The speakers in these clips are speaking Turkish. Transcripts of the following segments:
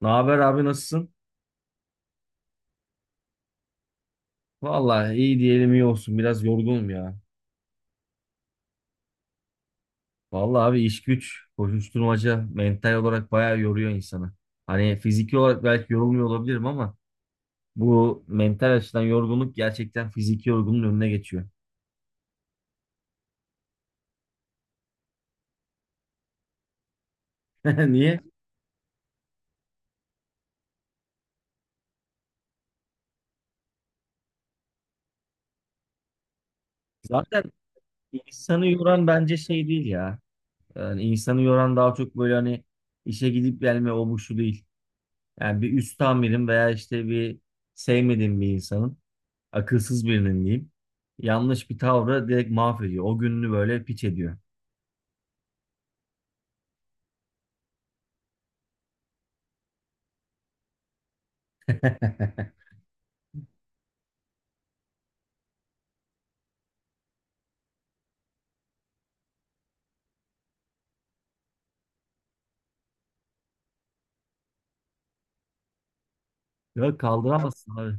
Ne haber abi nasılsın? Vallahi iyi diyelim iyi olsun. Biraz yorgunum ya. Vallahi abi iş güç, koşuşturmaca mental olarak bayağı yoruyor insanı. Hani fiziki olarak belki yorulmuyor olabilirim ama bu mental açıdan yorgunluk gerçekten fiziki yorgunluğun önüne geçiyor. Niye? Zaten insanı yoran bence şey değil ya. Yani insanı yoran daha çok böyle hani işe gidip gelme o bu şu değil. Yani bir üst amirim veya işte bir sevmediğim bir insanın akılsız birinin diyeyim. Yanlış bir tavrı direkt mahvediyor. O gününü böyle piç ediyor. Ya kaldıramazsın abi.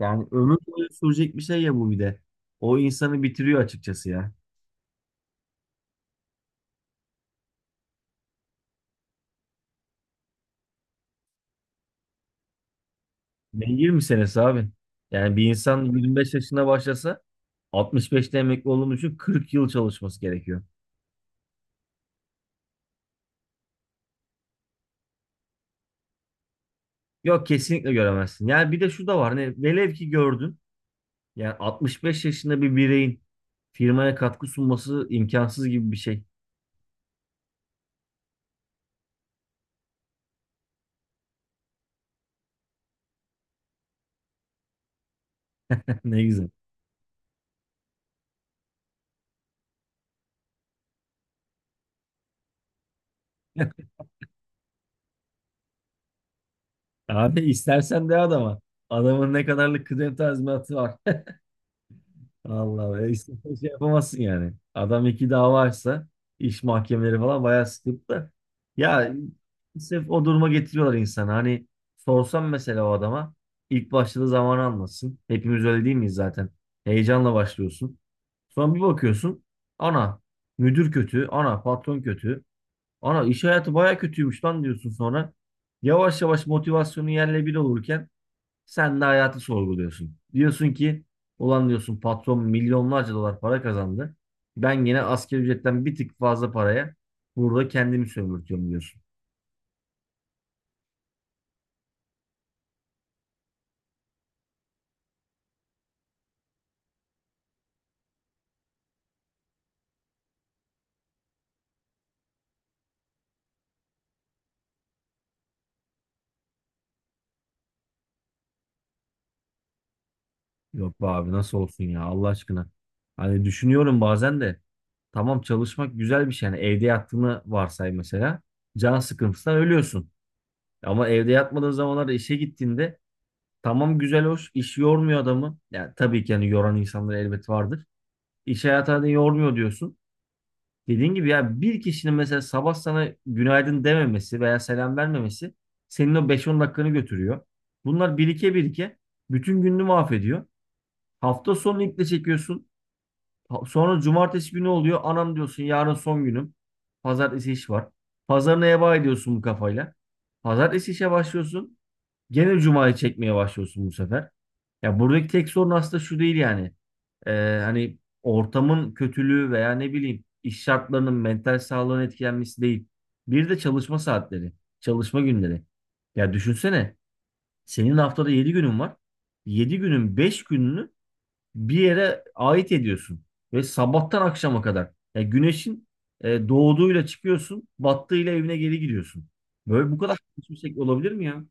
Yani ömür boyu sürecek bir şey ya bu bir de. O insanı bitiriyor açıkçası ya. Ne 20 senesi abi. Yani bir insan 25 yaşında başlasa 65'te emekli olduğunu için 40 yıl çalışması gerekiyor. Yok kesinlikle göremezsin. Yani bir de şu da var. Hani velev ki gördün. Yani 65 yaşında bir bireyin firmaya katkı sunması imkansız gibi bir şey. Ne güzel. Abi istersen de adama. Adamın ne kadarlık kıdem tazminatı var. Allah be. İstersen şey yapamazsın yani. Adam iki dava açsa iş mahkemeleri falan bayağı sıkıntı da. Ya sırf o duruma getiriyorlar insanı. Hani sorsam mesela o adama ilk başladığı zamanı anlatsın. Hepimiz öyle değil miyiz zaten? Heyecanla başlıyorsun. Sonra bir bakıyorsun. Ana müdür kötü. Ana patron kötü. Ana iş hayatı baya kötüymüş lan diyorsun sonra. Yavaş yavaş motivasyonu yerle bir olurken sen de hayatı sorguluyorsun. Diyorsun ki ulan diyorsun patron milyonlarca dolar para kazandı. Ben yine asgari ücretten bir tık fazla paraya burada kendimi sömürtüyorum diyorsun. Yok be abi nasıl olsun ya Allah aşkına. Hani düşünüyorum bazen de tamam çalışmak güzel bir şey. Yani evde yattığını varsay mesela. Can sıkıntısından ölüyorsun. Ama evde yatmadığın zamanlarda işe gittiğinde tamam güzel hoş iş yormuyor adamı. Yani tabii ki hani yoran insanlar elbet vardır. İş hayatı hani yormuyor diyorsun. Dediğin gibi ya bir kişinin mesela sabah sana günaydın dememesi veya selam vermemesi senin o beş on dakikanı götürüyor. Bunlar birike birike bütün gününü mahvediyor. Hafta sonu iple çekiyorsun. Sonra cumartesi günü oluyor. Anam diyorsun yarın son günüm. Pazartesi iş var. Pazarına heba ediyorsun bu kafayla. Pazartesi işe başlıyorsun. Gene Cuma'yı çekmeye başlıyorsun bu sefer. Ya buradaki tek sorun aslında şu değil yani. Ee, hani ortamın kötülüğü veya ne bileyim iş şartlarının mental sağlığın etkilenmesi değil. Bir de çalışma saatleri, çalışma günleri. Ya düşünsene senin haftada 7 günün var. 7 günün 5 gününü bir yere ait ediyorsun. Ve sabahtan akşama kadar. Ya güneşin doğduğuyla çıkıyorsun, battığıyla evine geri gidiyorsun. Böyle bu kadar saçma şey olabilir mi ya?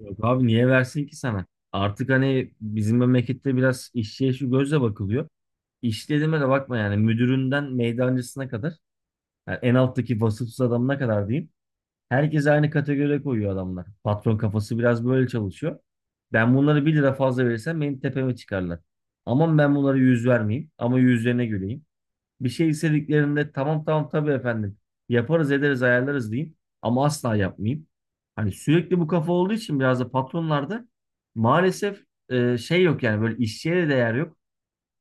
Yok abi niye versin ki sana? Artık hani bizim memlekette biraz işçiye şu gözle bakılıyor. İş dediğime de bakma yani müdüründen meydancısına kadar yani en alttaki vasıfsız adamına kadar diyeyim. Herkes aynı kategoriye koyuyor adamlar. Patron kafası biraz böyle çalışıyor. Ben bunları bir lira fazla verirsem benim tepeme çıkarlar. Aman ben bunlara yüz vermeyeyim ama yüzlerine güleyim. Bir şey istediklerinde tamam tamam tabii efendim yaparız ederiz ayarlarız diyeyim ama asla yapmayayım. Hani sürekli bu kafa olduğu için biraz da patronlarda maalesef şey yok yani böyle işçiye de değer yok,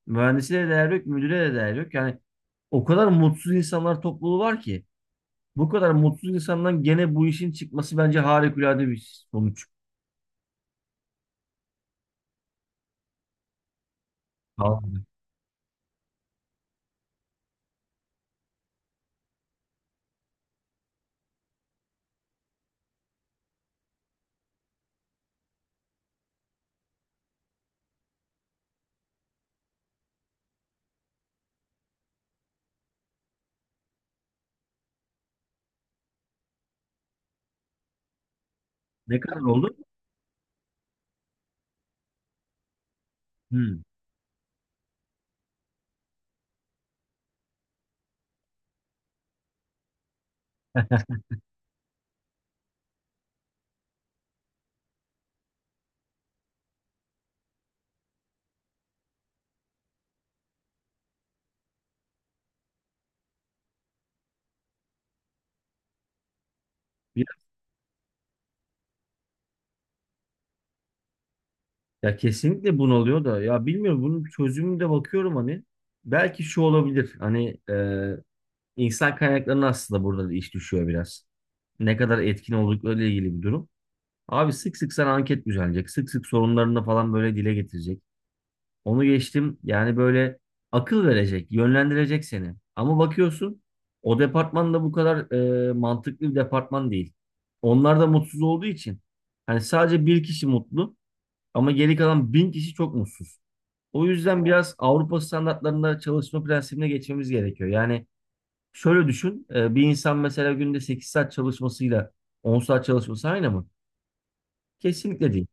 mühendise de değer yok, müdüre de değer yok. Yani o kadar mutsuz insanlar topluluğu var ki bu kadar mutsuz insandan gene bu işin çıkması bence harikulade bir sonuç. Tamam. Ne kadar oldu? Hmm. Ya kesinlikle bunalıyor da ya bilmiyorum bunun çözümünde bakıyorum hani belki şu olabilir hani insan kaynaklarına aslında burada da iş düşüyor biraz. Ne kadar etkin olduklarıyla ilgili bir durum. Abi sık sık sana anket düzenleyecek. Sık sık sorunlarını falan böyle dile getirecek. Onu geçtim yani böyle akıl verecek, yönlendirecek seni. Ama bakıyorsun o departman da bu kadar mantıklı bir departman değil. Onlar da mutsuz olduğu için hani sadece bir kişi mutlu ama geri kalan 1.000 kişi çok mutsuz. O yüzden biraz Avrupa standartlarında çalışma prensibine geçmemiz gerekiyor. Yani şöyle düşün, bir insan mesela günde 8 saat çalışmasıyla 10 saat çalışması aynı mı? Kesinlikle değil.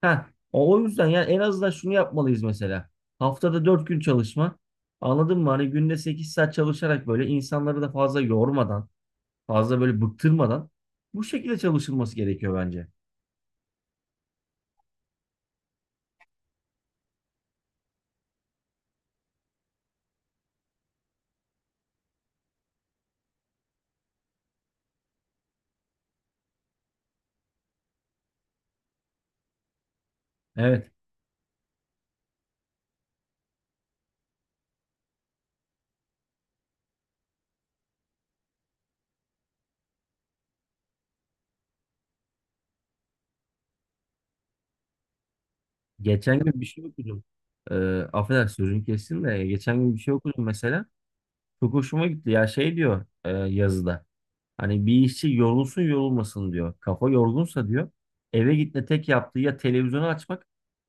Ha, o yüzden yani en azından şunu yapmalıyız mesela. Haftada 4 gün çalışma. Anladın mı? Hani günde 8 saat çalışarak böyle insanları da fazla yormadan, fazla böyle bıktırmadan bu şekilde çalışılması gerekiyor bence. Evet. Geçen gün bir şey okudum. E, affedersin sözünü kestim de geçen gün bir şey okudum mesela. Çok hoşuma gitti ya şey diyor yazıda. Hani bir işçi yorulsun yorulmasın diyor. Kafa yorgunsa diyor eve gitme tek yaptığı ya televizyonu açmak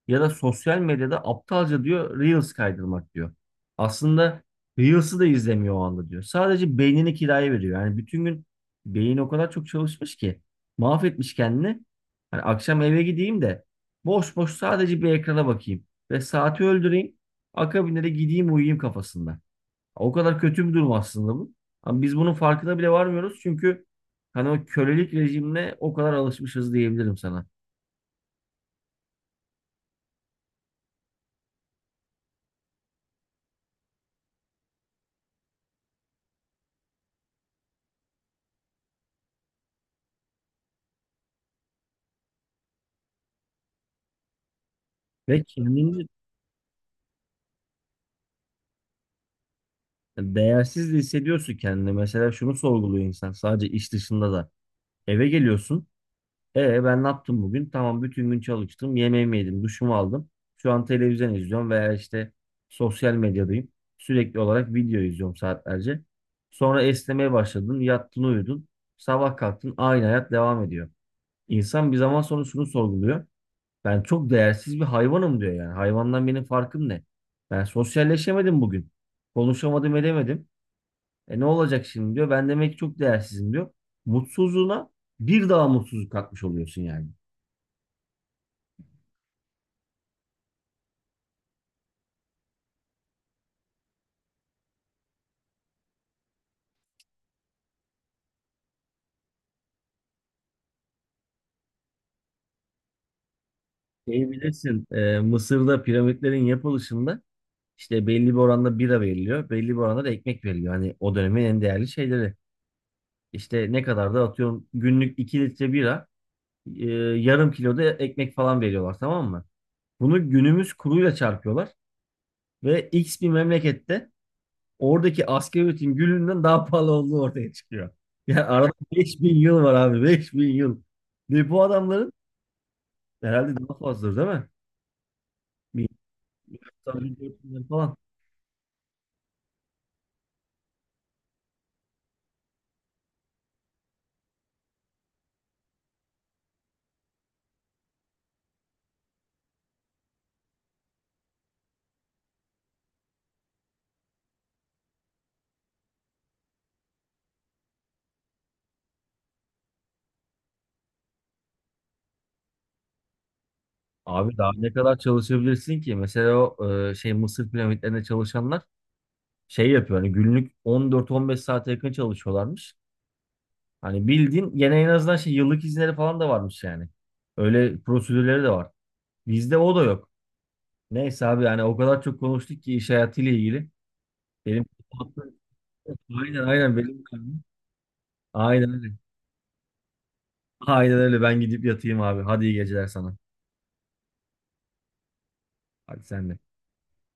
ya da sosyal medyada aptalca diyor Reels kaydırmak diyor. Aslında Reels'ı da izlemiyor o anda diyor. Sadece beynini kiraya veriyor. Yani bütün gün beyin o kadar çok çalışmış ki mahvetmiş kendini. Hani akşam eve gideyim de boş boş sadece bir ekrana bakayım ve saati öldüreyim. Akabinde de gideyim uyuyayım kafasında. O kadar kötü bir durum aslında bu. Ama biz bunun farkına bile varmıyoruz çünkü hani o kölelik rejimine o kadar alışmışız diyebilirim sana. Ve kendini değersiz de hissediyorsun kendini. Mesela şunu sorguluyor insan sadece iş dışında da. Eve geliyorsun. E ben ne yaptım bugün? Tamam bütün gün çalıştım. Yemeğimi yedim, duşumu aldım. Şu an televizyon izliyorum veya işte sosyal medyadayım. Sürekli olarak video izliyorum saatlerce. Sonra esnemeye başladın, yattın, uyudun. Sabah kalktın, aynı hayat devam ediyor. İnsan bir zaman sonra şunu sorguluyor. Ben çok değersiz bir hayvanım diyor yani. Hayvandan benim farkım ne? Ben sosyalleşemedim bugün. Konuşamadım edemedim. E ne olacak şimdi diyor. Ben demek ki çok değersizim diyor. Mutsuzluğuna bir daha mutsuzluk katmış oluyorsun yani. Şey bilirsin Mısır'da piramitlerin yapılışında işte belli bir oranda bira veriliyor. Belli bir oranda da ekmek veriliyor. Hani o dönemin en değerli şeyleri. İşte ne kadar da atıyorum günlük 2 litre bira e, yarım kilo da ekmek falan veriyorlar tamam mı? Bunu günümüz kuruyla çarpıyorlar ve X bir memlekette oradaki asgari ücretin gülünden daha pahalı olduğu ortaya çıkıyor. Yani arada 5.000 yıl var abi 5.000 yıl. Ve bu adamların herhalde daha fazladır değil mi? 1400 falan. Abi daha ne kadar çalışabilirsin ki? Mesela o Mısır piramitlerinde çalışanlar şey yapıyor hani günlük 14-15 saate yakın çalışıyorlarmış. Hani bildiğin gene en azından şey yıllık izinleri falan da varmış yani. Öyle prosedürleri de var. Bizde o da yok. Neyse abi yani o kadar çok konuştuk ki iş hayatıyla ilgili. Benim aynen aynen benim Aynen öyle. Aynen öyle ben gidip yatayım abi. Hadi iyi geceler sana. Hadi sen de.